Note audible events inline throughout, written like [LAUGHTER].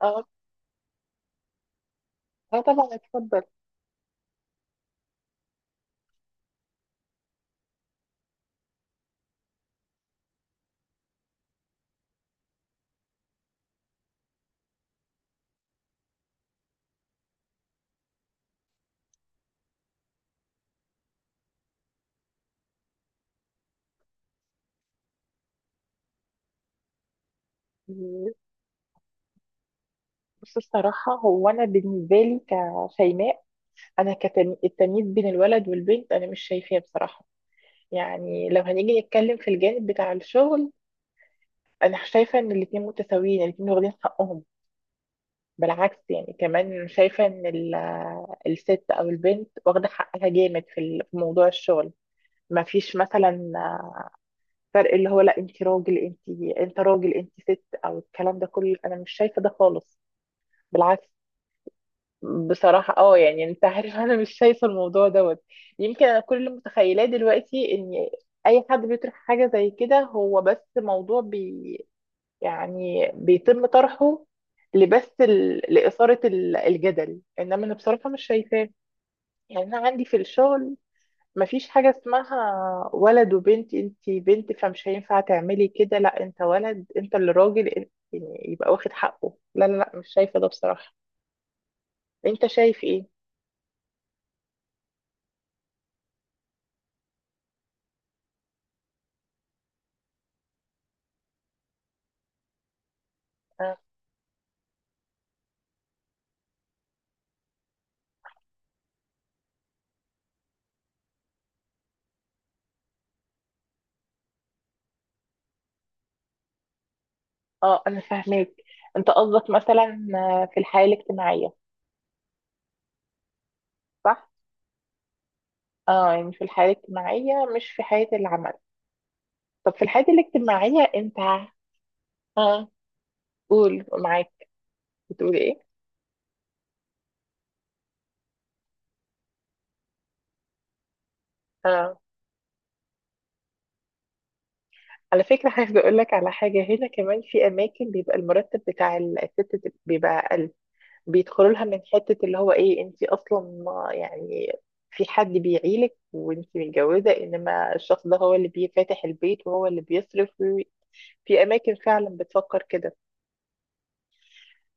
اه اه طبعا، اتفضل. بص، الصراحة هو أنا بالنسبة لي كشيماء، أنا كالتمييز بين الولد والبنت أنا مش شايفاه بصراحة. يعني لو هنيجي نتكلم في الجانب بتاع الشغل، أنا شايفة إن الاتنين متساويين الاتنين واخدين حقهم. بالعكس، يعني كمان شايفة إن الست أو البنت واخدة حقها جامد في في موضوع الشغل. ما فيش مثلا فرق اللي هو لا انت راجل انت راجل انت ست او الكلام ده كله، انا مش شايفه ده خالص، بالعكس. بصراحة، يعني انت عارف انا مش شايفة الموضوع دوت. يمكن انا كل اللي متخيلاه دلوقتي ان اي حد بيطرح حاجة زي كده، هو بس موضوع يعني بيتم طرحه لإثارة الجدل، انما انا بصراحة مش شايفاه. يعني انا عندي في الشغل مفيش حاجة اسمها ولد وبنت، انت بنت فمش هينفع تعملي كده، لا انت ولد انت اللي راجل يعني يبقى واخد حقه. لا لا لا، مش شايفة ده بصراحة. انت شايف ايه؟ آه. اه، انا فاهماك. انت قصدك مثلا، في الحياة الاجتماعية؟ صح؟ اه، يعني في الحياة الاجتماعية مش في حياة العمل. طب في الحياة الاجتماعية انت، اه قول معاك. بتقول ايه؟ اه، على فكرة [LAUGHS] عايز اقول لك على حاجة، هنا كمان في اماكن بيبقى المرتب بتاع الست بيبقى اقل. بيدخلوا لها من حتة اللي هو ايه، انت اصلا يعني في حد بيعيلك وانت متجوزة، انما الشخص ده هو اللي بيفتح البيت وهو اللي بيصرف. في اماكن فعلا بتفكر كده.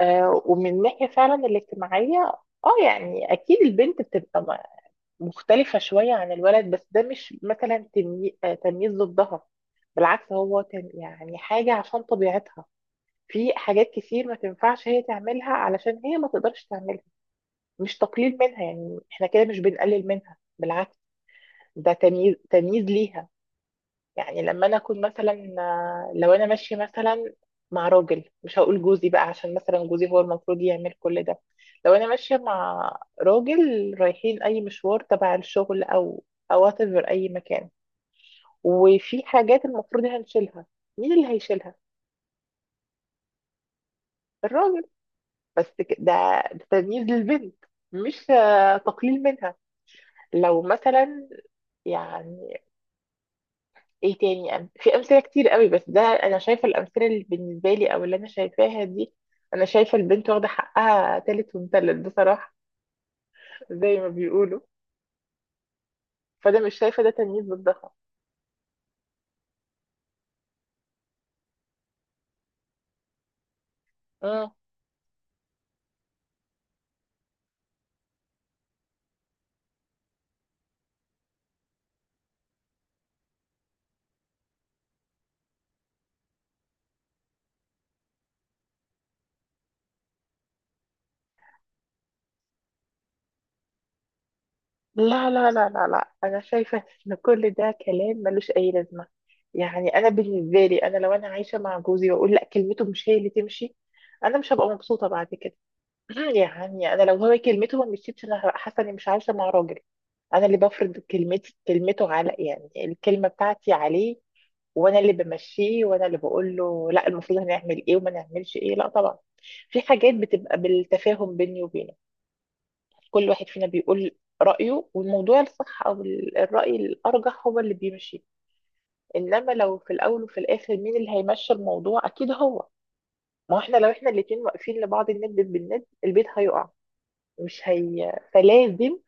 ومن الناحية فعلا الاجتماعية، اه يعني اكيد البنت بتبقى مختلفة شوية عن الولد، بس ده مش مثلا تمييز ضدها. بالعكس هو يعني حاجة عشان طبيعتها. في حاجات كتير ما تنفعش هي تعملها علشان هي ما تقدرش تعملها. مش تقليل منها، يعني احنا كده مش بنقلل منها، بالعكس، ده تمييز تمييز ليها. يعني لما انا اكون مثلا، لو انا ماشيه مثلا مع راجل، مش هقول جوزي بقى، عشان مثلا جوزي هو المفروض يعمل كل ده. لو انا ماشيه مع راجل رايحين اي مشوار تبع الشغل او whatever اي مكان، وفي حاجات المفروض هنشيلها، مين اللي هيشيلها؟ الراجل. بس ده تمييز للبنت، مش تقليل منها. لو مثلا يعني ايه تاني في امثله كتير قوي، بس ده انا شايفه الامثله اللي بالنسبه لي او اللي انا شايفاها دي. انا شايفه البنت واخده حقها تالت ومتلت بصراحه، زي ما بيقولوا. فده مش شايفه ده تمييز بالضخم. مم. لا لا لا لا لا، انا شايفه ان كل ده كلام ملوش اي لازمه. يعني انا بالنسبه لي، انا لو انا عايشه مع جوزي واقول لا كلمته مش هي اللي تمشي، انا مش هبقى مبسوطه بعد كده. يعني انا لو هو كلمته ما مشيتش انا هبقى حاسه اني مش عايشه مع راجل. انا اللي بفرض كلمتي كلمته على، يعني الكلمه بتاعتي عليه، وانا اللي بمشيه وانا اللي بقول له لا المفروض هنعمل ايه وما نعملش ايه. لا طبعا في حاجات بتبقى بالتفاهم بيني وبينه. كل واحد فينا بيقول رايه والموضوع الصح او الراي الارجح هو اللي بيمشي. انما لو في الاول وفي الاخر مين اللي هيمشي الموضوع، اكيد هو. ما هو احنا لو احنا الاتنين واقفين لبعض الند بالند البيت هيقع. مش هي، فلازم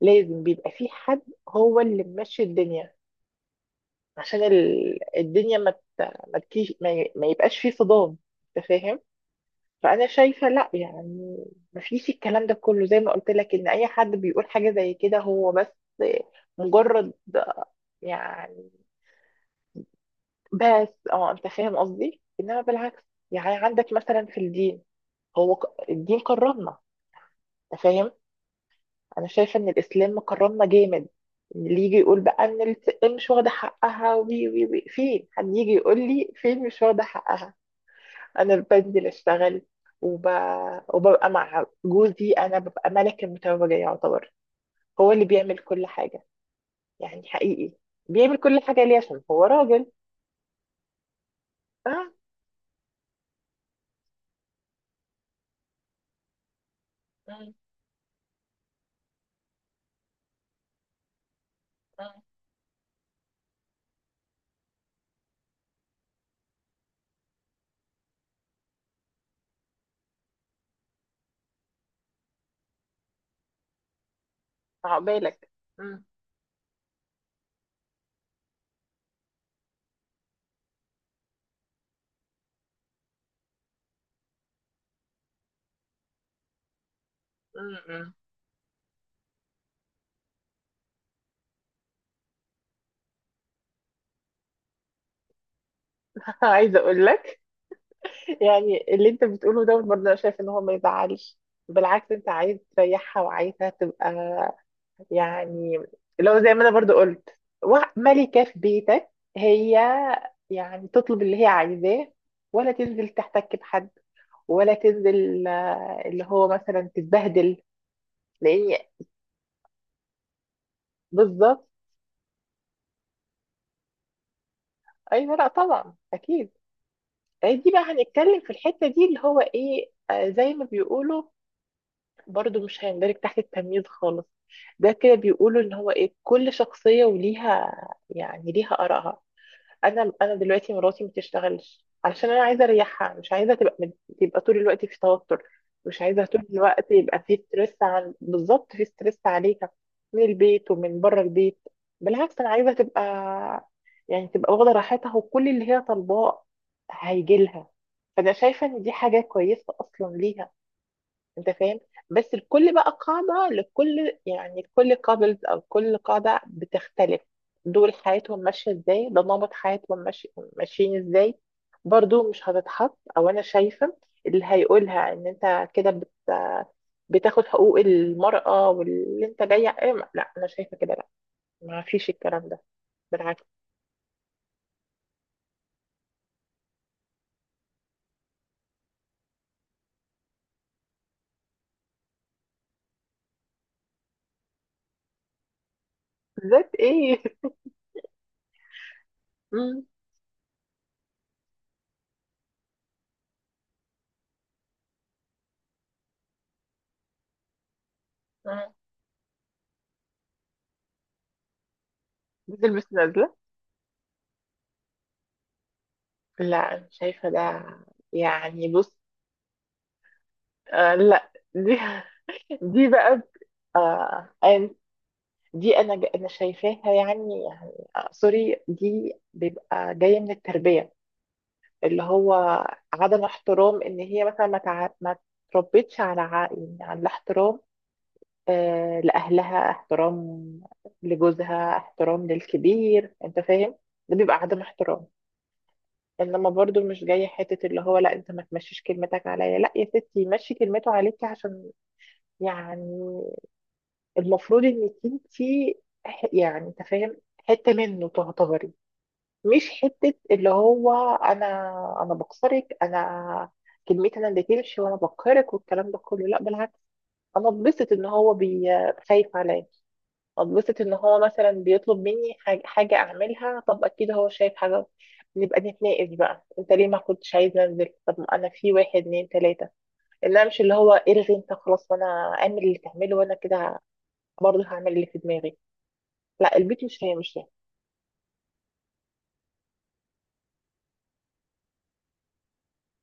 لازم بيبقى في حد هو اللي ماشي الدنيا عشان الدنيا ما تكيش ما يبقاش في صدام، انت فاهم. فانا شايفه لا يعني. ما فيش الكلام ده كله، زي ما قلت لك ان اي حد بيقول حاجه زي كده هو بس مجرد، يعني. بس انت فاهم قصدي، انما بالعكس يعني عندك مثلا في الدين، هو الدين كرمنا، انت فاهم. انا شايفه ان الاسلام مكرمنا جامد. اللي يجي يقول بقى ان الست مش واخده حقها وي وي وي، فين؟ حد يجي يقول لي فين مش واخده حقها. انا بنزل اشتغل، وب... وببقى مع جوزي انا ببقى ملك المتوجه يعتبر. هو اللي بيعمل كل حاجه، يعني حقيقي بيعمل كل حاجه. ليه؟ عشان هو راجل. اه. مم، مم. عقبالك. مم، مم، مم. [LAUGHS] عايزه اقول لك. يعني اللي انت بتقوله دوت برضه انا شايف ان هو ما يزعلش. بالعكس انت عايز تريحها وعايزها تبقى، يعني لو زي ما انا برضه قلت، ملكة في بيتك. هي يعني تطلب اللي هي عايزاه، ولا تنزل تحتك بحد، ولا تنزل اللي هو مثلا تتبهدل، لان. بالظبط. ايوه لا طبعا اكيد. دي بقى هنتكلم في الحتة دي اللي هو ايه زي ما بيقولوا، برضو مش هيندرج تحت التمييز خالص. ده كده بيقولوا ان هو ايه كل شخصية وليها، يعني ليها آرائها. انا دلوقتي مراتي ما بتشتغلش علشان انا عايزة اريحها، مش عايزة تبقى طول الوقت في توتر، مش عايزة طول الوقت يبقى في ستريس، عن بالظبط في ستريس عليها، من البيت ومن بره البيت. بالعكس انا عايزة تبقى، يعني تبقى واخدة راحتها وكل اللي هي طالباه هيجي لها. فانا شايفة ان دي حاجة كويسة اصلا ليها، انت فاهم. بس الكل بقى قاعدة لكل، يعني كل كابلز او كل قاعدة بتختلف. دول حياتهم ماشية ازاي، ده نمط حياتهم، ماشيين ازاي. برضو مش هتتحط او انا شايفة اللي هيقولها ان انت كده بتاخد حقوق المرأة واللي انت جاية ايه لا انا شايفة كده لا. ما فيش الكلام ده، بالعكس. ذات ايه [LAUGHS] مم. مم. بتلبس نازلة. لا انا شايفة ده، يعني بص. آه لا دي [LAUGHS] دي بقى، آه أن- دي انا انا شايفاها يعني سوري، دي بيبقى جايه من التربيه، اللي هو عدم احترام، ان هي مثلا ما تربيتش على يعني على الاحترام. لاهلها احترام، لجوزها احترام، للكبير انت فاهم. ده بيبقى عدم احترام، انما برضو مش جايه حته اللي هو لا انت ما تمشيش كلمتك عليا. لا يا ستي مشي كلمته عليكي، عشان يعني المفروض انك انتي يعني انت فاهم حته منه تعتبري، مش حته اللي هو انا بكسرك، انا كلمتي انا اللي تمشي وانا بقهرك والكلام ده كله، لا بالعكس. انا اتبسط ان هو خايف عليا. اتبسط ان هو مثلا بيطلب مني حاجه اعملها، طب اكيد هو شايف حاجه، نبقى نتناقش بقى، انت ليه ما كنتش عايز انزل؟ طب انا في واحد اتنين تلاته، انما مش اللي هو الغي انت خلاص وانا اعمل اللي تعمله، وانا كده برضه هعمل اللي في دماغي. لا البيت مش هي مش هي.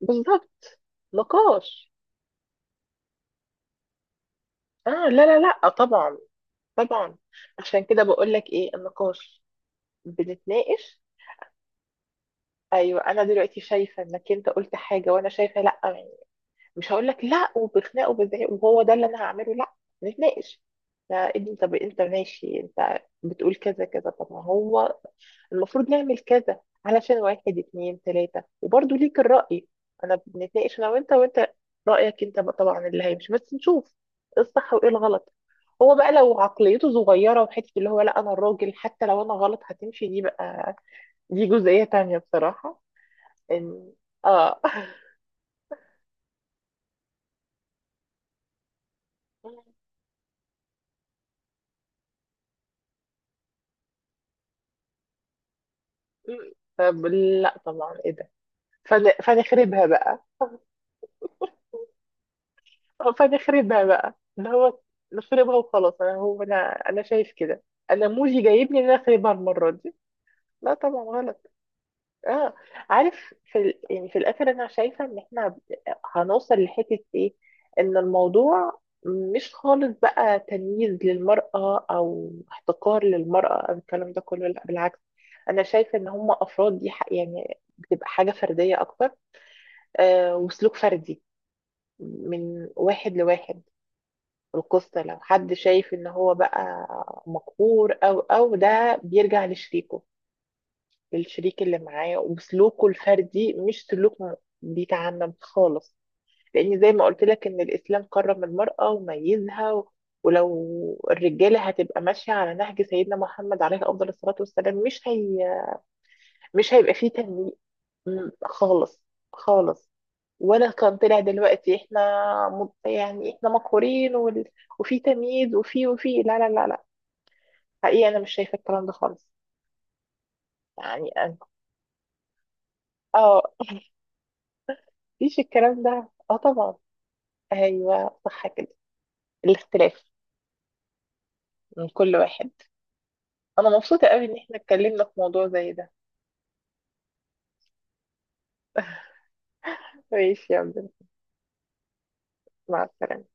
بالظبط. نقاش، اه لا لا لا، طبعا طبعا. عشان كده بقول لك ايه النقاش، بنتناقش. ايوه انا دلوقتي شايفه انك انت قلت حاجه وانا شايفه لا يعني، مش هقول لك لا وبخناق وبزعيق وهو ده اللي انا هعمله، لا نتناقش. لا انت، طب انت ماشي، انت بتقول كذا كذا، طب ما هو المفروض نعمل كذا علشان واحد اتنين تلاتة، وبرضه ليك الرأي. انا بنتناقش انا وانت رأيك انت بقى طبعا اللي هيمشي، بس نشوف ايه الصح وايه الغلط. هو بقى لو عقليته صغيرة وحتة اللي هو لا انا الراجل حتى لو انا غلط هتمشي، دي بقى دي جزئية تانية بصراحة. ان، اه [LAUGHS] طب لا طبعا، ايه ده؟ فنخربها بقى. فنخربها بقى اللي هو نخربها وخلاص، انا هو انا شايف كده. انا موجي جايبني ان انا اخربها المره دي، لا طبعا غلط. اه، عارف يعني في الاخر انا شايفه ان احنا هنوصل لحته ايه. ان الموضوع مش خالص بقى تمييز للمرأة أو احتقار للمرأة أو الكلام ده كله، لا بالعكس. أنا شايفة إن هم أفراد، دي يعني بتبقى حاجة فردية أكتر، وسلوك فردي من واحد لواحد. القصة لو حد شايف ان هو بقى مقهور او ده بيرجع لشريكه، للشريك اللي معاه وسلوكه الفردي، مش سلوك بيتعمم خالص. لان زي ما قلت لك ان الاسلام كرم المرأة وميزها ولو الرجالة هتبقى ماشية على نهج سيدنا محمد عليه افضل الصلاة والسلام، مش هي، مش هيبقى فيه تنميق خالص خالص. ولا كان طلع دلوقتي احنا يعني احنا مقهورين وفي تمييز وفي لا لا لا لا، حقيقي انا مش شايفه الكلام ده خالص. يعني انا، اه [LAUGHS] مفيش الكلام ده، اه طبعا. ايوه صح كده، الاختلاف من كل واحد. انا مبسوطه قوي ان احنا اتكلمنا في موضوع زي ده. ماشي يا عبد. مع السلامه.